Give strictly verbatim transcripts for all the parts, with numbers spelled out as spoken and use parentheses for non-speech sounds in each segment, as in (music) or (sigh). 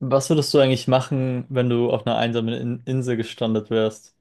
Was würdest du eigentlich machen, wenn du auf einer einsamen In Insel gestrandet wärst?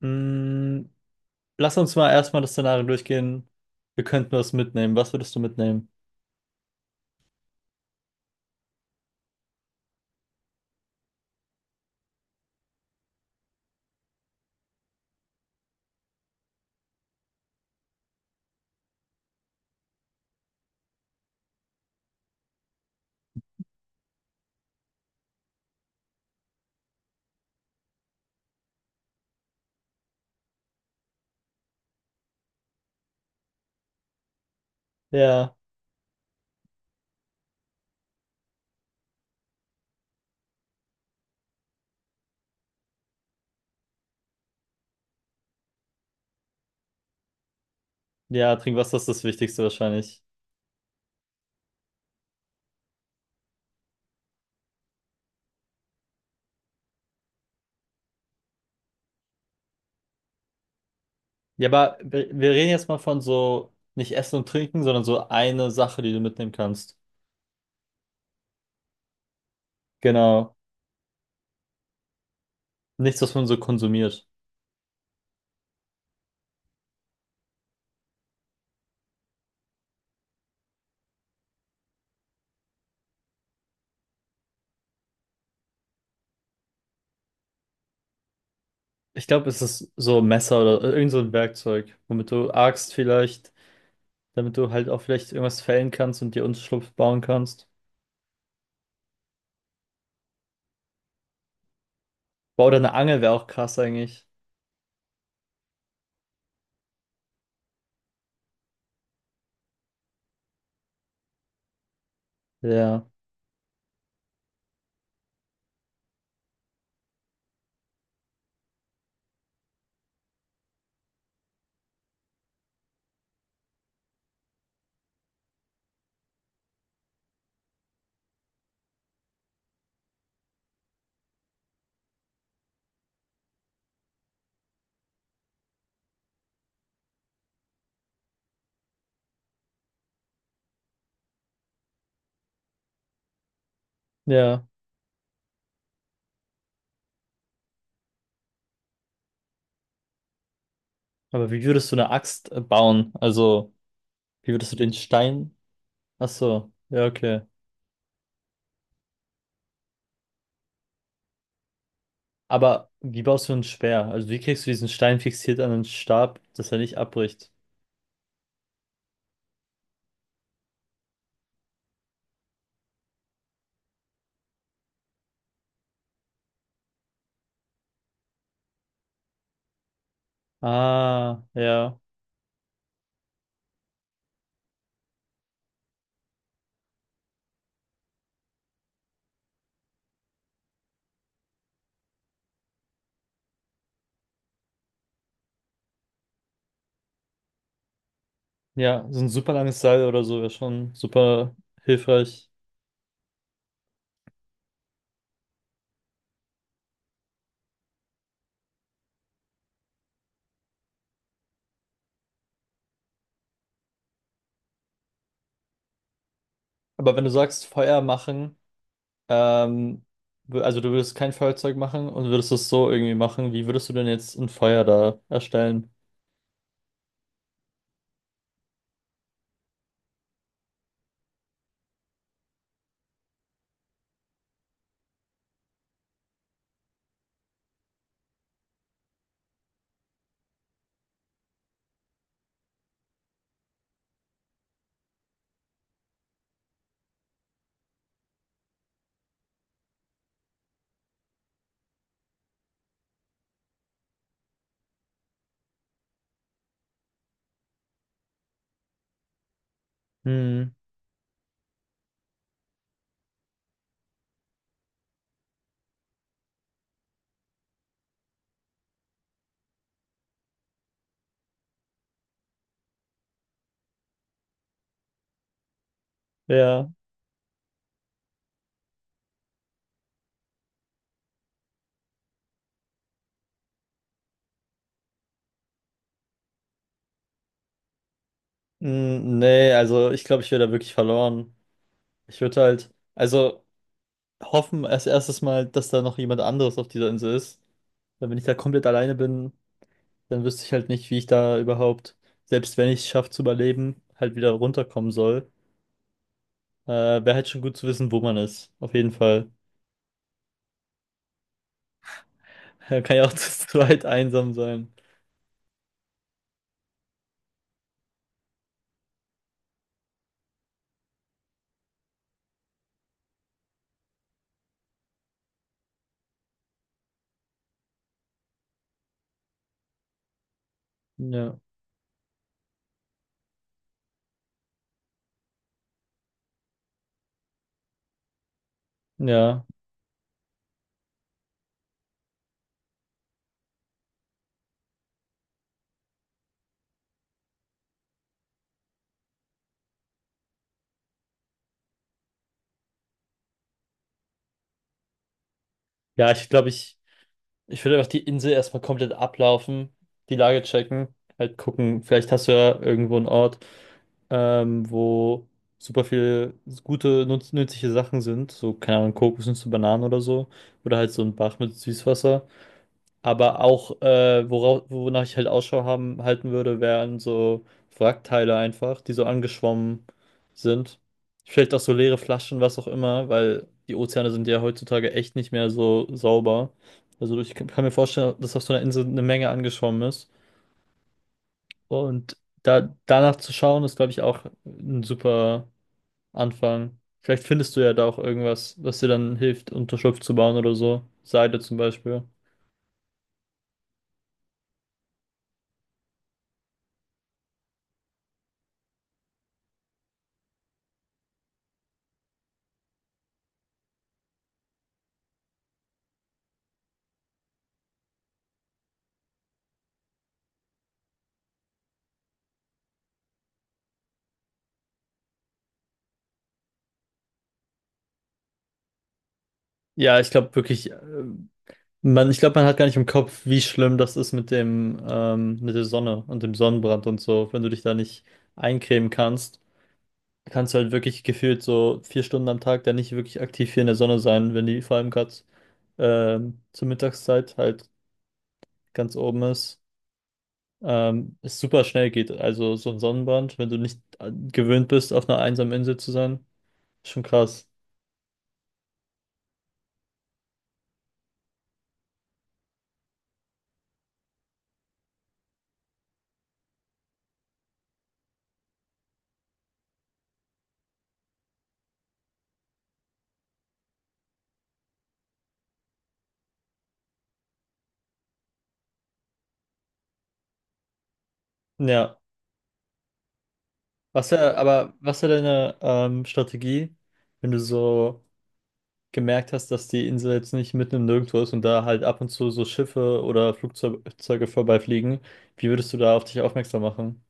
Mm, lass uns mal erstmal das Szenario durchgehen. Wir könnten was mitnehmen. Was würdest du mitnehmen? Ja, ja, Trinkwasser ist das Wichtigste wahrscheinlich. Ja, aber wir wir reden jetzt mal von so nicht Essen und Trinken, sondern so eine Sache, die du mitnehmen kannst. Genau. Nichts, was man so konsumiert. Ich glaube, es ist so ein Messer oder äh, irgend so ein Werkzeug, womit du axt vielleicht, damit du halt auch vielleicht irgendwas fällen kannst und dir Unterschlupf bauen kannst. Wow, oder eine Angel wäre auch krass eigentlich. Ja, ja. Aber wie würdest du eine Axt äh, bauen? Also, wie würdest du den Stein? Ach so, ja, okay. Aber wie baust du ein Speer? Also, wie kriegst du diesen Stein fixiert an den Stab, dass er nicht abbricht? Ah, ja. Ja, so ein super langes Seil oder so wäre schon super hilfreich. Aber wenn du sagst, Feuer machen, ähm, wür- also du würdest kein Feuerzeug machen und würdest es so irgendwie machen, wie würdest du denn jetzt ein Feuer da erstellen? Hm, ja. Mm, nee, also ich glaube, ich wäre da wirklich verloren. Ich würde halt, also hoffen als erstes mal, dass da noch jemand anderes auf dieser Insel ist. Weil wenn ich da komplett alleine bin, dann wüsste ich halt nicht, wie ich da überhaupt, selbst wenn ich es schaffe zu überleben, halt wieder runterkommen soll. Äh, wäre halt schon gut zu wissen, wo man ist. Auf jeden Fall. (laughs) Kann ja auch (laughs) zu zweit einsam sein. Ja. Ja. Ja, ich glaube, ich. Ich würde einfach die Insel erstmal komplett ablaufen, die Lage checken, halt gucken, vielleicht hast du ja irgendwo einen Ort, ähm, wo super viele gute, nutz nützliche Sachen sind, so, keine Ahnung, Kokosnüsse, Bananen oder so, oder halt so ein Bach mit Süßwasser. Aber auch, äh, worauf, wonach ich halt Ausschau haben, halten würde, wären so Wrackteile einfach, die so angeschwommen sind. Vielleicht auch so leere Flaschen, was auch immer, weil die Ozeane sind ja heutzutage echt nicht mehr so sauber. Also ich kann kann mir vorstellen, dass auf so einer Insel eine Menge angeschwommen ist. Und da, danach zu schauen, ist, glaube ich, auch ein super Anfang. Vielleicht findest du ja da auch irgendwas, was dir dann hilft, Unterschlupf zu bauen oder so. Seide zum Beispiel. Ja, ich glaube wirklich. äh, Man, ich glaube, man hat gar nicht im Kopf, wie schlimm das ist mit dem, ähm, mit der Sonne und dem Sonnenbrand und so. Wenn du dich da nicht eincremen kannst, kannst du halt wirklich gefühlt so vier Stunden am Tag da nicht wirklich aktiv hier in der Sonne sein, wenn die vor allem gerade ähm, zur Mittagszeit halt ganz oben ist. Ähm, es super schnell geht. Also so ein Sonnenbrand, wenn du nicht äh, gewöhnt bist, auf einer einsamen Insel zu sein, ist schon krass. Ja. Was wär, aber was wäre deine ähm, Strategie, wenn du so gemerkt hast, dass die Insel jetzt nicht mitten im Nirgendwo ist und da halt ab und zu so Schiffe oder Flugzeuge vorbeifliegen, wie würdest du da auf dich aufmerksam machen?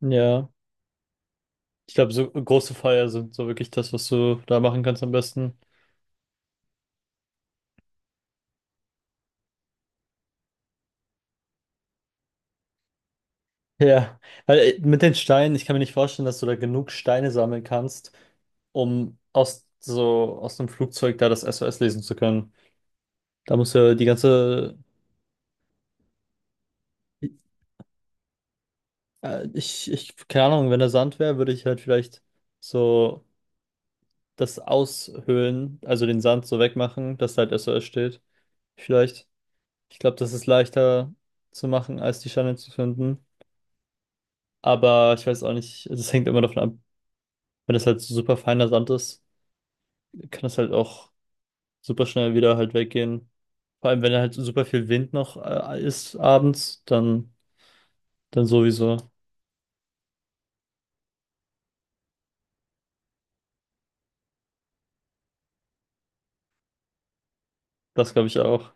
Ja, ich glaube, so große Feuer sind so wirklich das, was du da machen kannst am besten. Ja, weil äh, mit den Steinen, ich kann mir nicht vorstellen, dass du da genug Steine sammeln kannst, um aus so aus dem Flugzeug da das S O S lesen zu können. Da musst du ja die ganze, äh, ich, ich, keine Ahnung, wenn da Sand wäre, würde ich halt vielleicht so das aushöhlen, also den Sand so wegmachen, dass da halt S O S steht. Vielleicht. Ich glaube, das ist leichter zu machen, als die Scheine zu finden. Aber ich weiß auch nicht, das hängt immer davon ab. Wenn das halt so super feiner Sand ist, kann das halt auch super schnell wieder halt weggehen. Vor allem, wenn halt super viel Wind noch äh, ist abends, dann, dann sowieso. Das glaube ich auch.